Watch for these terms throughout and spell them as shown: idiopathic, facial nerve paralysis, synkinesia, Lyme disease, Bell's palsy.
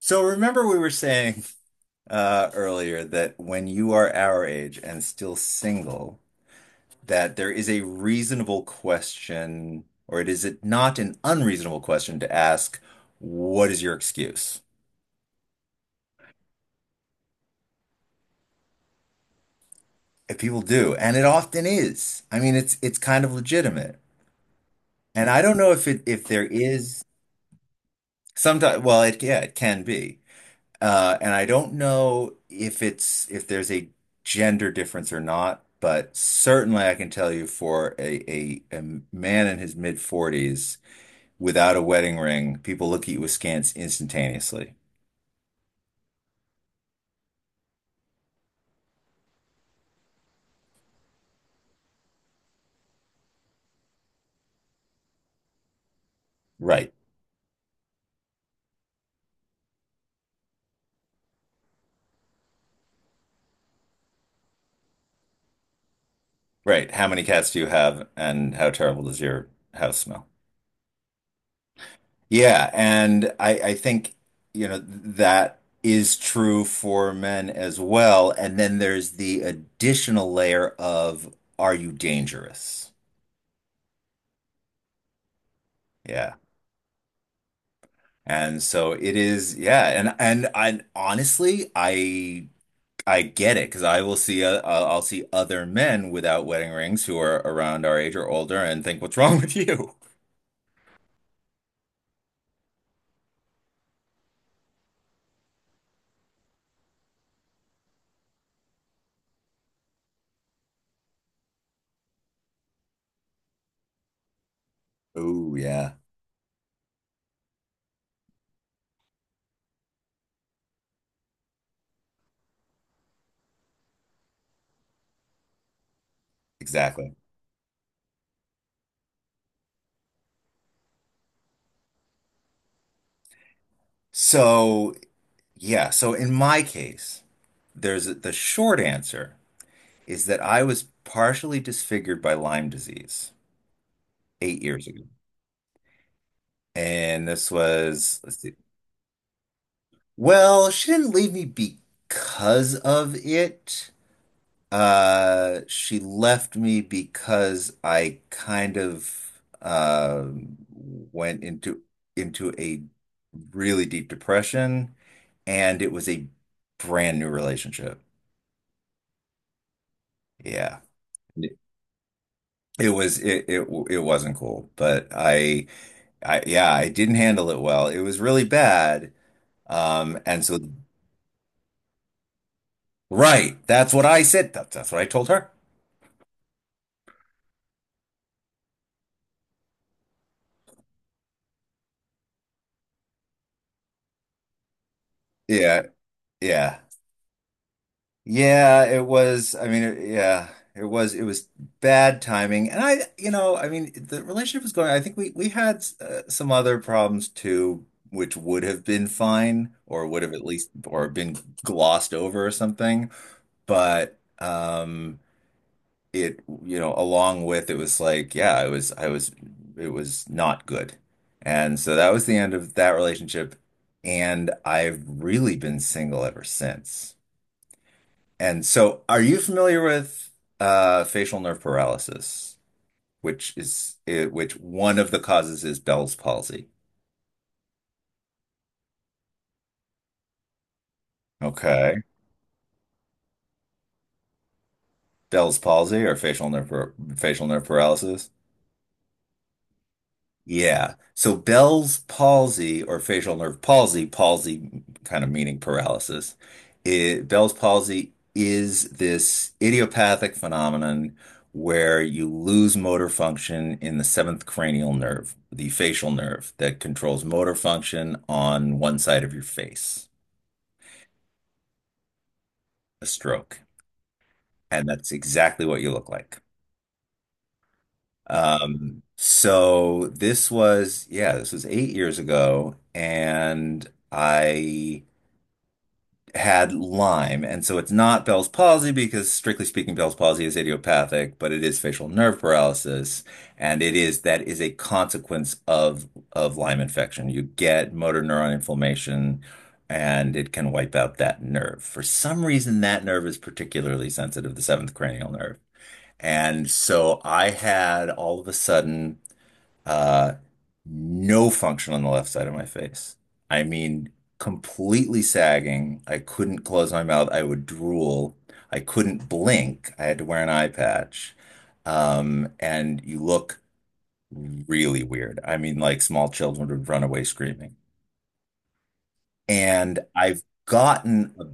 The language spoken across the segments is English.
So remember we were saying earlier that when you are our age and still single, that there is a reasonable question, or it is it not an unreasonable question to ask, what is your excuse? And people do, and it often is. I mean, it's kind of legitimate. And I don't know if there is sometimes, well, it yeah, it can be. And I don't know if there's a gender difference or not, but certainly I can tell you for a man in his mid 40's without a wedding ring, people look at you askance instantaneously. Right, right. How many cats do you have, and how terrible does your house smell? Yeah, and I think that is true for men as well. And then there's the additional layer of are you dangerous? Yeah. And so it is, yeah, and I honestly, I get it because I will see I'll see other men without wedding rings who are around our age or older and think, "What's wrong with you?" Oh, yeah, exactly. So, yeah, so in my case, there's the short answer is that I was partially disfigured by Lyme disease 8 years ago. And this was, let's see. Well, she didn't leave me because of it. She left me because I kind of went into a really deep depression, and it was a brand new relationship. Yeah. It it it wasn't cool, but I yeah, I didn't handle it well. It was really bad. And so right, that's what I said. That's what I told her. Yeah, yeah. Yeah, it was. I mean, it, yeah, it was. It was bad timing, and I, you know, I mean, the relationship was going. I think we had some other problems too, which would have been fine, or would have at least, or been glossed over or something. But it, you know, along with it was like, yeah, it was, I was, it was not good, and so that was the end of that relationship, and I've really been single ever since. And so, are you familiar with facial nerve paralysis, which is which one of the causes is Bell's palsy? Okay. Bell's palsy or facial nerve paralysis? Yeah. So Bell's palsy or facial nerve palsy, palsy kind of meaning paralysis. It, Bell's palsy is this idiopathic phenomenon where you lose motor function in the seventh cranial nerve, the facial nerve that controls motor function on one side of your face, a stroke. And that's exactly what you look like. So this was, yeah, this was 8 years ago, and I had Lyme. And so it's not Bell's palsy because, strictly speaking, Bell's palsy is idiopathic, but it is facial nerve paralysis. And it is that is a consequence of Lyme infection. You get motor neuron inflammation and it can wipe out that nerve. For some reason, that nerve is particularly sensitive, the seventh cranial nerve. And so I had all of a sudden uh, no function on the left side of my face. I mean, completely sagging. I couldn't close my mouth. I would drool. I couldn't blink. I had to wear an eye patch. And you look really weird. I mean, like small children would run away screaming. And I've gotten, a-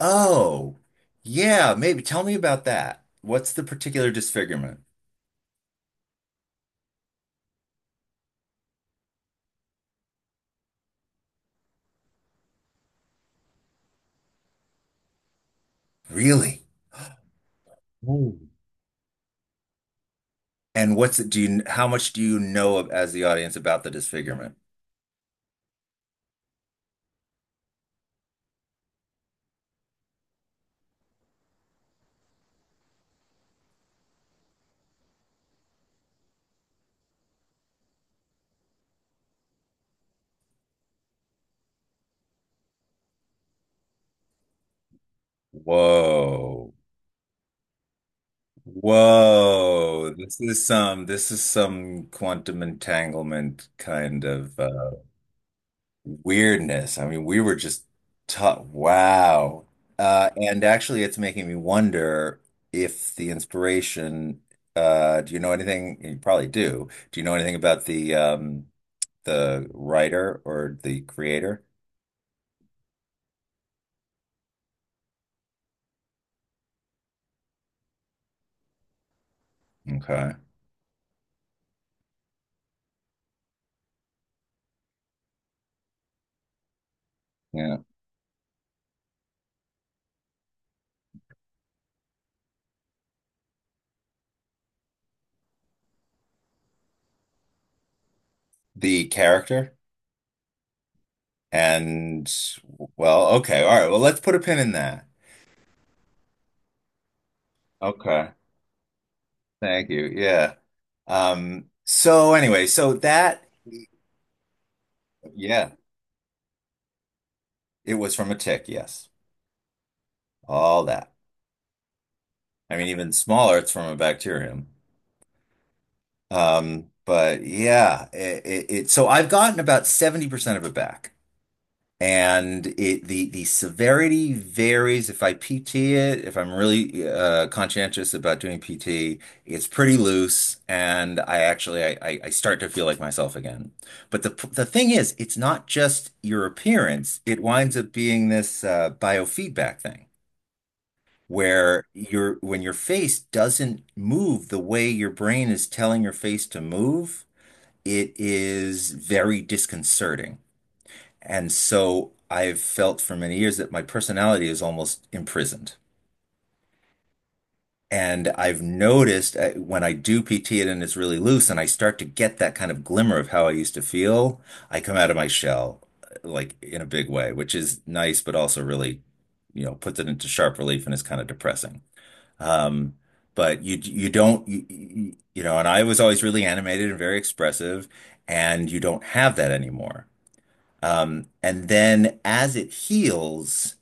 oh, yeah, maybe tell me about that. What's the particular disfigurement? Really? And what's it, do you, how much do you know of, as the audience about the disfigurement? Whoa. Whoa. This is some quantum entanglement kind of weirdness. I mean, we were just taught, wow. And actually, it's making me wonder if the inspiration, do you know anything? You probably do. Do you know anything about the writer or the creator? Okay. Yeah. The character. And well, okay, all right. Well, let's put a pin in that. Okay. Thank you. Yeah. So anyway, so that, yeah, it was from a tick, yes. All that. I mean, even smaller, it's from a bacterium. But yeah, it so I've gotten about 70% of it back. And it the severity varies. If I PT it, if I'm really conscientious about doing PT, it's pretty loose, and I actually I, I start to feel like myself again. But the thing is, it's not just your appearance. It winds up being this biofeedback thing. Where your When your face doesn't move the way your brain is telling your face to move, it is very disconcerting. And so I've felt for many years that my personality is almost imprisoned. And I've noticed when I do PT it and it's really loose and I start to get that kind of glimmer of how I used to feel, I come out of my shell like in a big way, which is nice, but also really, you know, puts it into sharp relief and is kind of depressing. Um, but you don't you, you you know, and I was always really animated and very expressive, and you don't have that anymore. And then as it heals,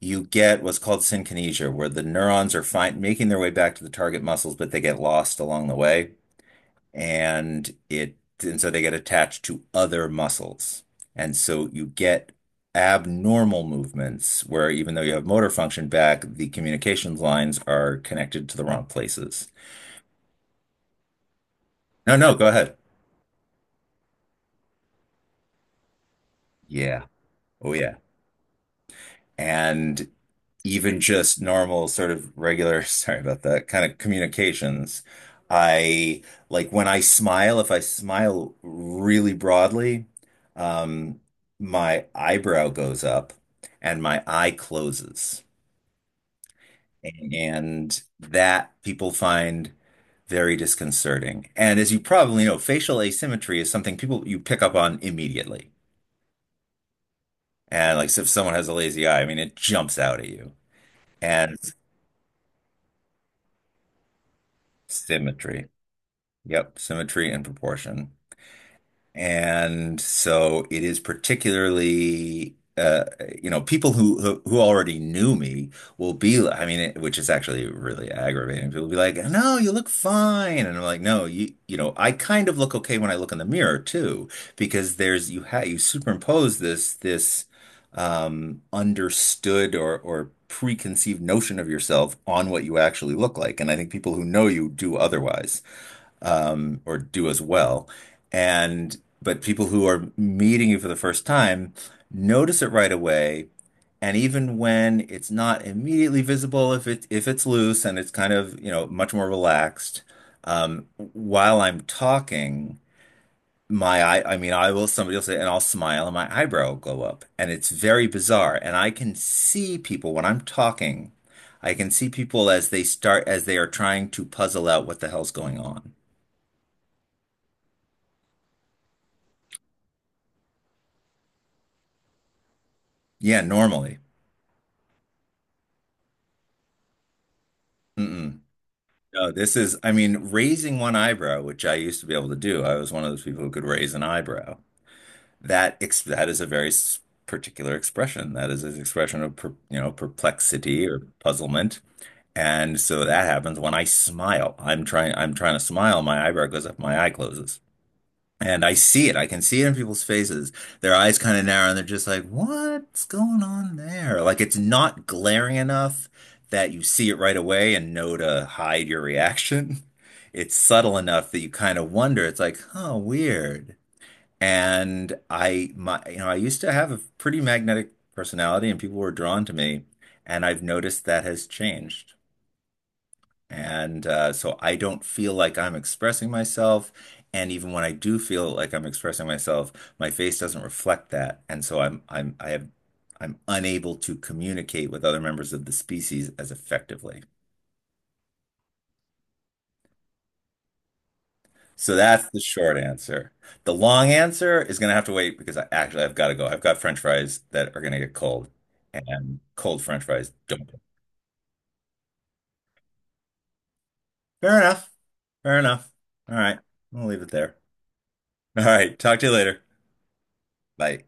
you get what's called synkinesia, where the neurons are find making their way back to the target muscles, but they get lost along the way. And it and so they get attached to other muscles. And so you get abnormal movements where even though you have motor function back, the communications lines are connected to the wrong places. No, no, go ahead. Yeah. Oh yeah. And even just normal sort of regular, sorry about that, kind of communications. I like when I smile, if I smile really broadly, um, my eyebrow goes up and my eye closes. And that people find very disconcerting. And as you probably know, facial asymmetry is something people you pick up on immediately. And like so if someone has a lazy eye, I mean, it jumps out at you. And symmetry. Yep, symmetry and proportion. And so it is particularly you know people who already knew me I mean it, which is actually really aggravating. People will be like, "No, you look fine." And I'm like, "No, you know, I kind of look okay when I look in the mirror too because there's you ha you superimpose this understood or preconceived notion of yourself on what you actually look like. And I think people who know you do otherwise or do as well. And but people who are meeting you for the first time notice it right away. And even when it's not immediately visible, if it if it's loose and it's kind of, you know, much more relaxed, while I'm talking, my eye, I mean, I will, somebody will say, and I'll smile and my eyebrow will go up. And it's very bizarre. And I can see people when I'm talking, I can see people as they start, as they are trying to puzzle out what the hell's going on. Yeah, normally. Mm-mm. No, this is, I mean, raising one eyebrow, which I used to be able to do. I was one of those people who could raise an eyebrow. That is a particular expression. That is an expression of you know, perplexity or puzzlement. And so that happens when I smile. I'm trying to smile, my eyebrow goes up, my eye closes. And I see it. I can see it in people's faces. Their eyes kind of narrow and they're just like, what's going on there? Like it's not glaring enough that you see it right away and know to hide your reaction. It's subtle enough that you kind of wonder. It's like, huh, weird. And I, my, you know, I used to have a pretty magnetic personality and people were drawn to me. And I've noticed that has changed. And so I don't feel like I'm expressing myself. And even when I do feel like I'm expressing myself, my face doesn't reflect that. And so I have I'm unable to communicate with other members of the species as effectively. So that's the short answer. The long answer is gonna have to wait because I've got to go. I've got French fries that are gonna get cold, and cold French fries don't. Fair enough. Fair enough. All right. I'll leave it there. All right. Talk to you later. Bye.